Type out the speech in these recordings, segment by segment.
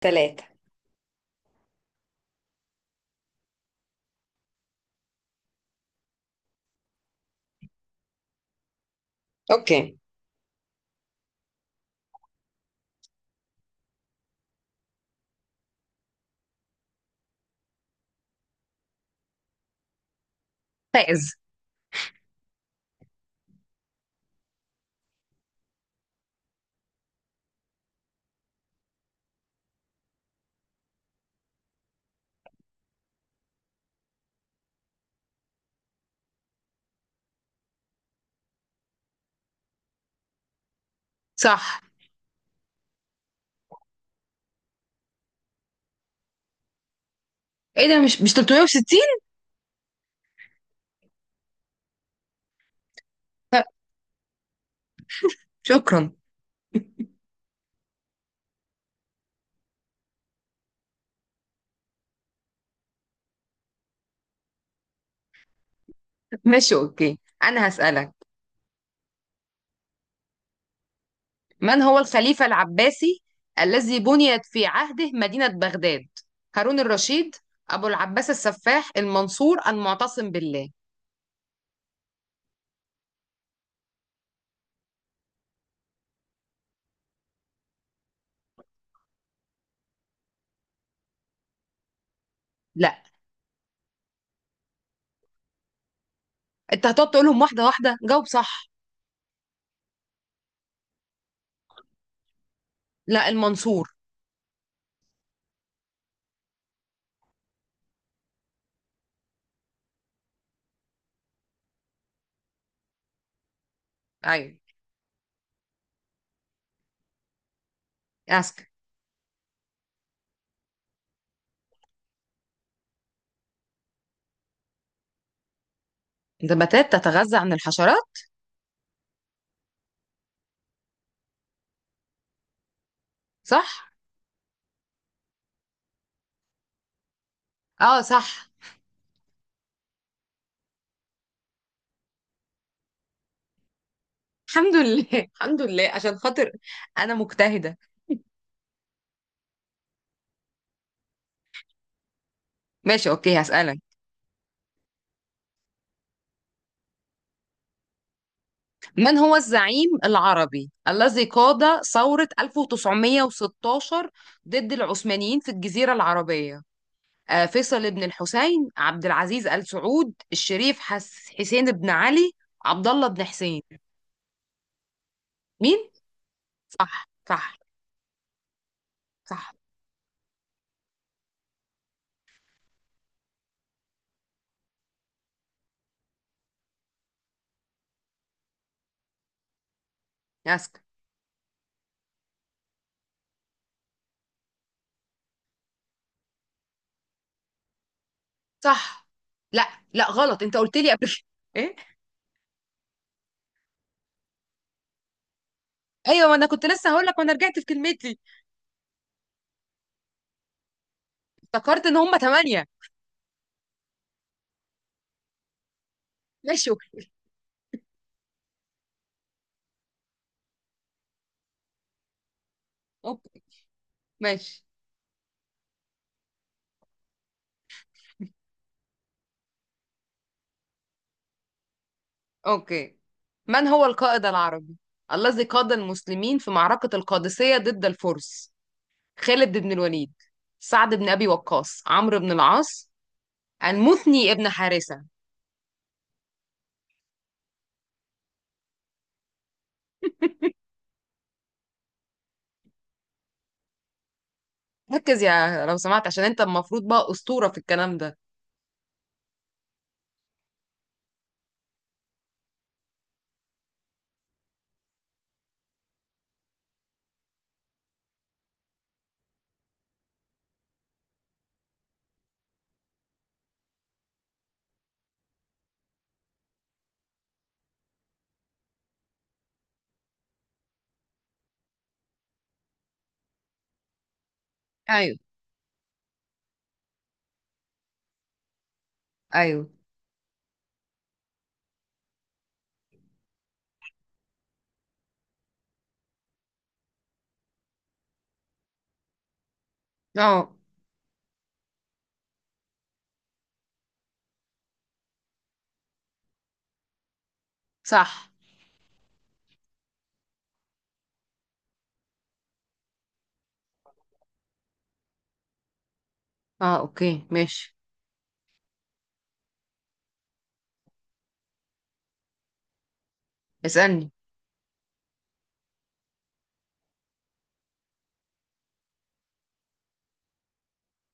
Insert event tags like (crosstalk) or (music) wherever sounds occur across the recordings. تلاتة. اوكي. صح. ايه ده مش 360. شكرا. ماشي اوكي، انا هسألك: من هو الخليفة العباسي الذي بنيت في عهده مدينة بغداد؟ هارون الرشيد، ابو العباس السفاح، المنصور، المعتصم بالله. لا. انت هتقعد تقولهم واحدة واحدة، جاوب صح. لا، المنصور. ايوه. اسكت. نباتات تتغذى عن الحشرات؟ صح. اه صح. الحمد لله. (laughs) الحمد لله عشان خاطر انا مجتهدة. ماشي اوكي، هسألك: من هو الزعيم العربي الذي قاد ثورة 1916 ضد العثمانيين في الجزيرة العربية؟ فيصل بن الحسين، عبد العزيز آل سعود، الشريف حسين بن علي، عبد الله بن حسين. مين؟ صح. صح. ياسك. صح. لا. لا غلط، انت قلت لي قبل كده. (laughs) ايه. ايوه، ما انا كنت لسه هقول لك وانا رجعت في كلمتي. افتكرت ان هم ثمانية. ماشي اوكي. أوكي. ماشي أوكي. من هو القائد العربي الذي قاد المسلمين في معركة القادسية ضد الفرس؟ خالد بن الوليد، سعد بن أبي وقاص، عمرو بن العاص، المثني ابن حارثة. ركز يا لو سمحت، عشان انت المفروض بقى أسطورة في الكلام ده. ايوه. ايوه. اه. صح. اه اوكي ماشي. اسألني.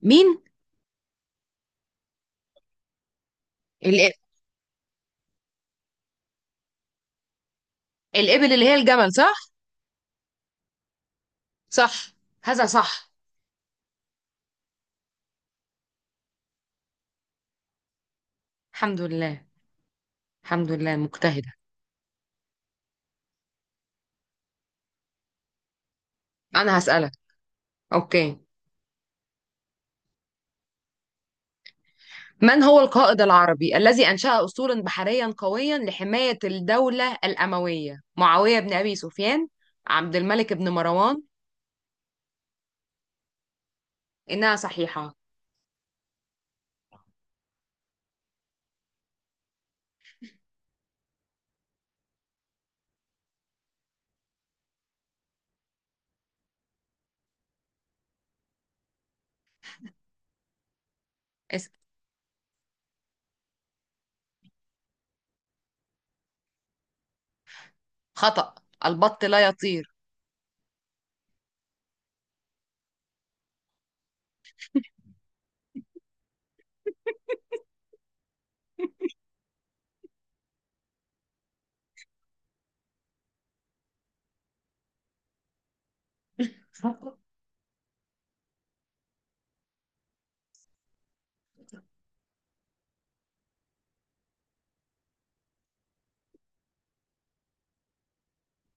مين؟ الإب- الإبل اللي هي الجمل، صح؟ صح. هذا صح. الحمد لله. الحمد لله مجتهدة. أنا هسألك. أوكي. من هو القائد العربي الذي أنشأ أسطولا بحريا قويا لحماية الدولة الأموية؟ معاوية بن أبي سفيان، عبد الملك بن مروان. إنها صحيحة. اس- خطأ، البط لا يطير.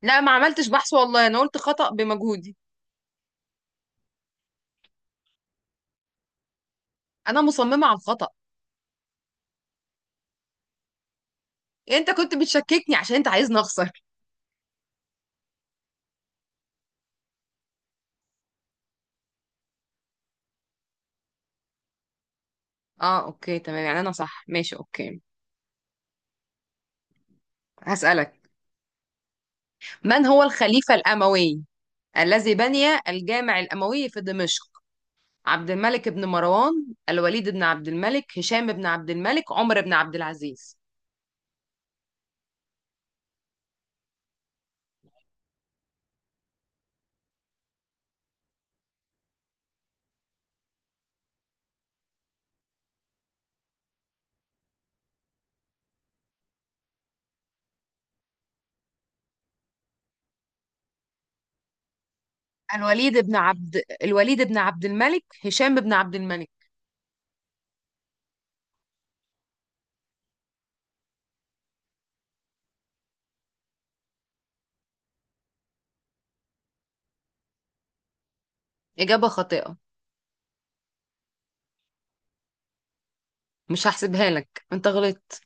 لا ما عملتش بحث والله، أنا قلت خطأ بمجهودي. أنا مصممة على الخطأ. أنت كنت بتشككني عشان أنت عايزني أخسر. أه أوكي تمام، يعني أنا صح، ماشي أوكي. هسألك: من هو الخليفة الأموي الذي بني الجامع الأموي في دمشق؟ عبد الملك بن مروان، الوليد بن عبد الملك، هشام بن عبد الملك، عمر بن عبد العزيز. الوليد بن عبد الوليد بن عبد الملك، هشام بن عبد الملك. إجابة خاطئة. مش هحسبها لك، انت غلطت.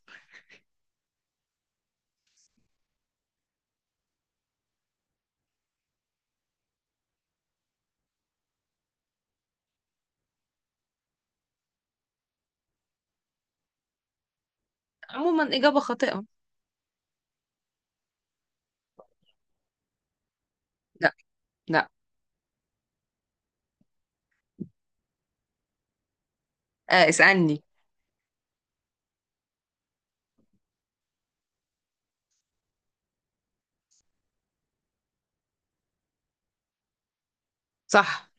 عموما إجابة خاطئة. لا. لا. آه اسألني. صح.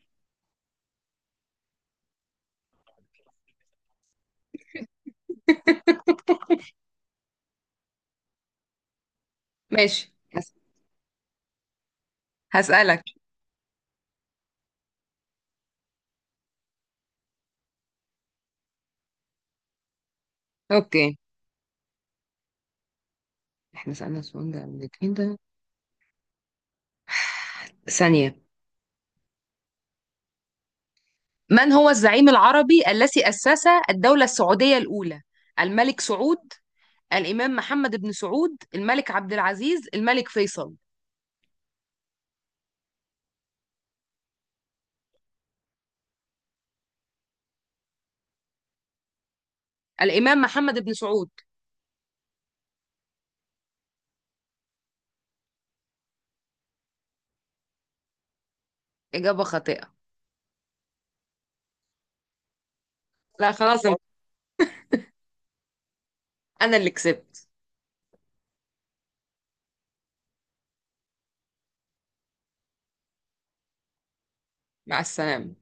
ماشي. هسألك. اوكي. احنا سألنا السؤال ده قبل كده. (sighs) ثانية. من هو الزعيم العربي الذي أسس الدولة السعودية الأولى؟ الملك سعود، الإمام محمد بن سعود، الملك عبد العزيز، الملك فيصل. الإمام محمد بن سعود. إجابة خاطئة. لا خلاص، أنا أنا اللي كسبت. مع السلامة.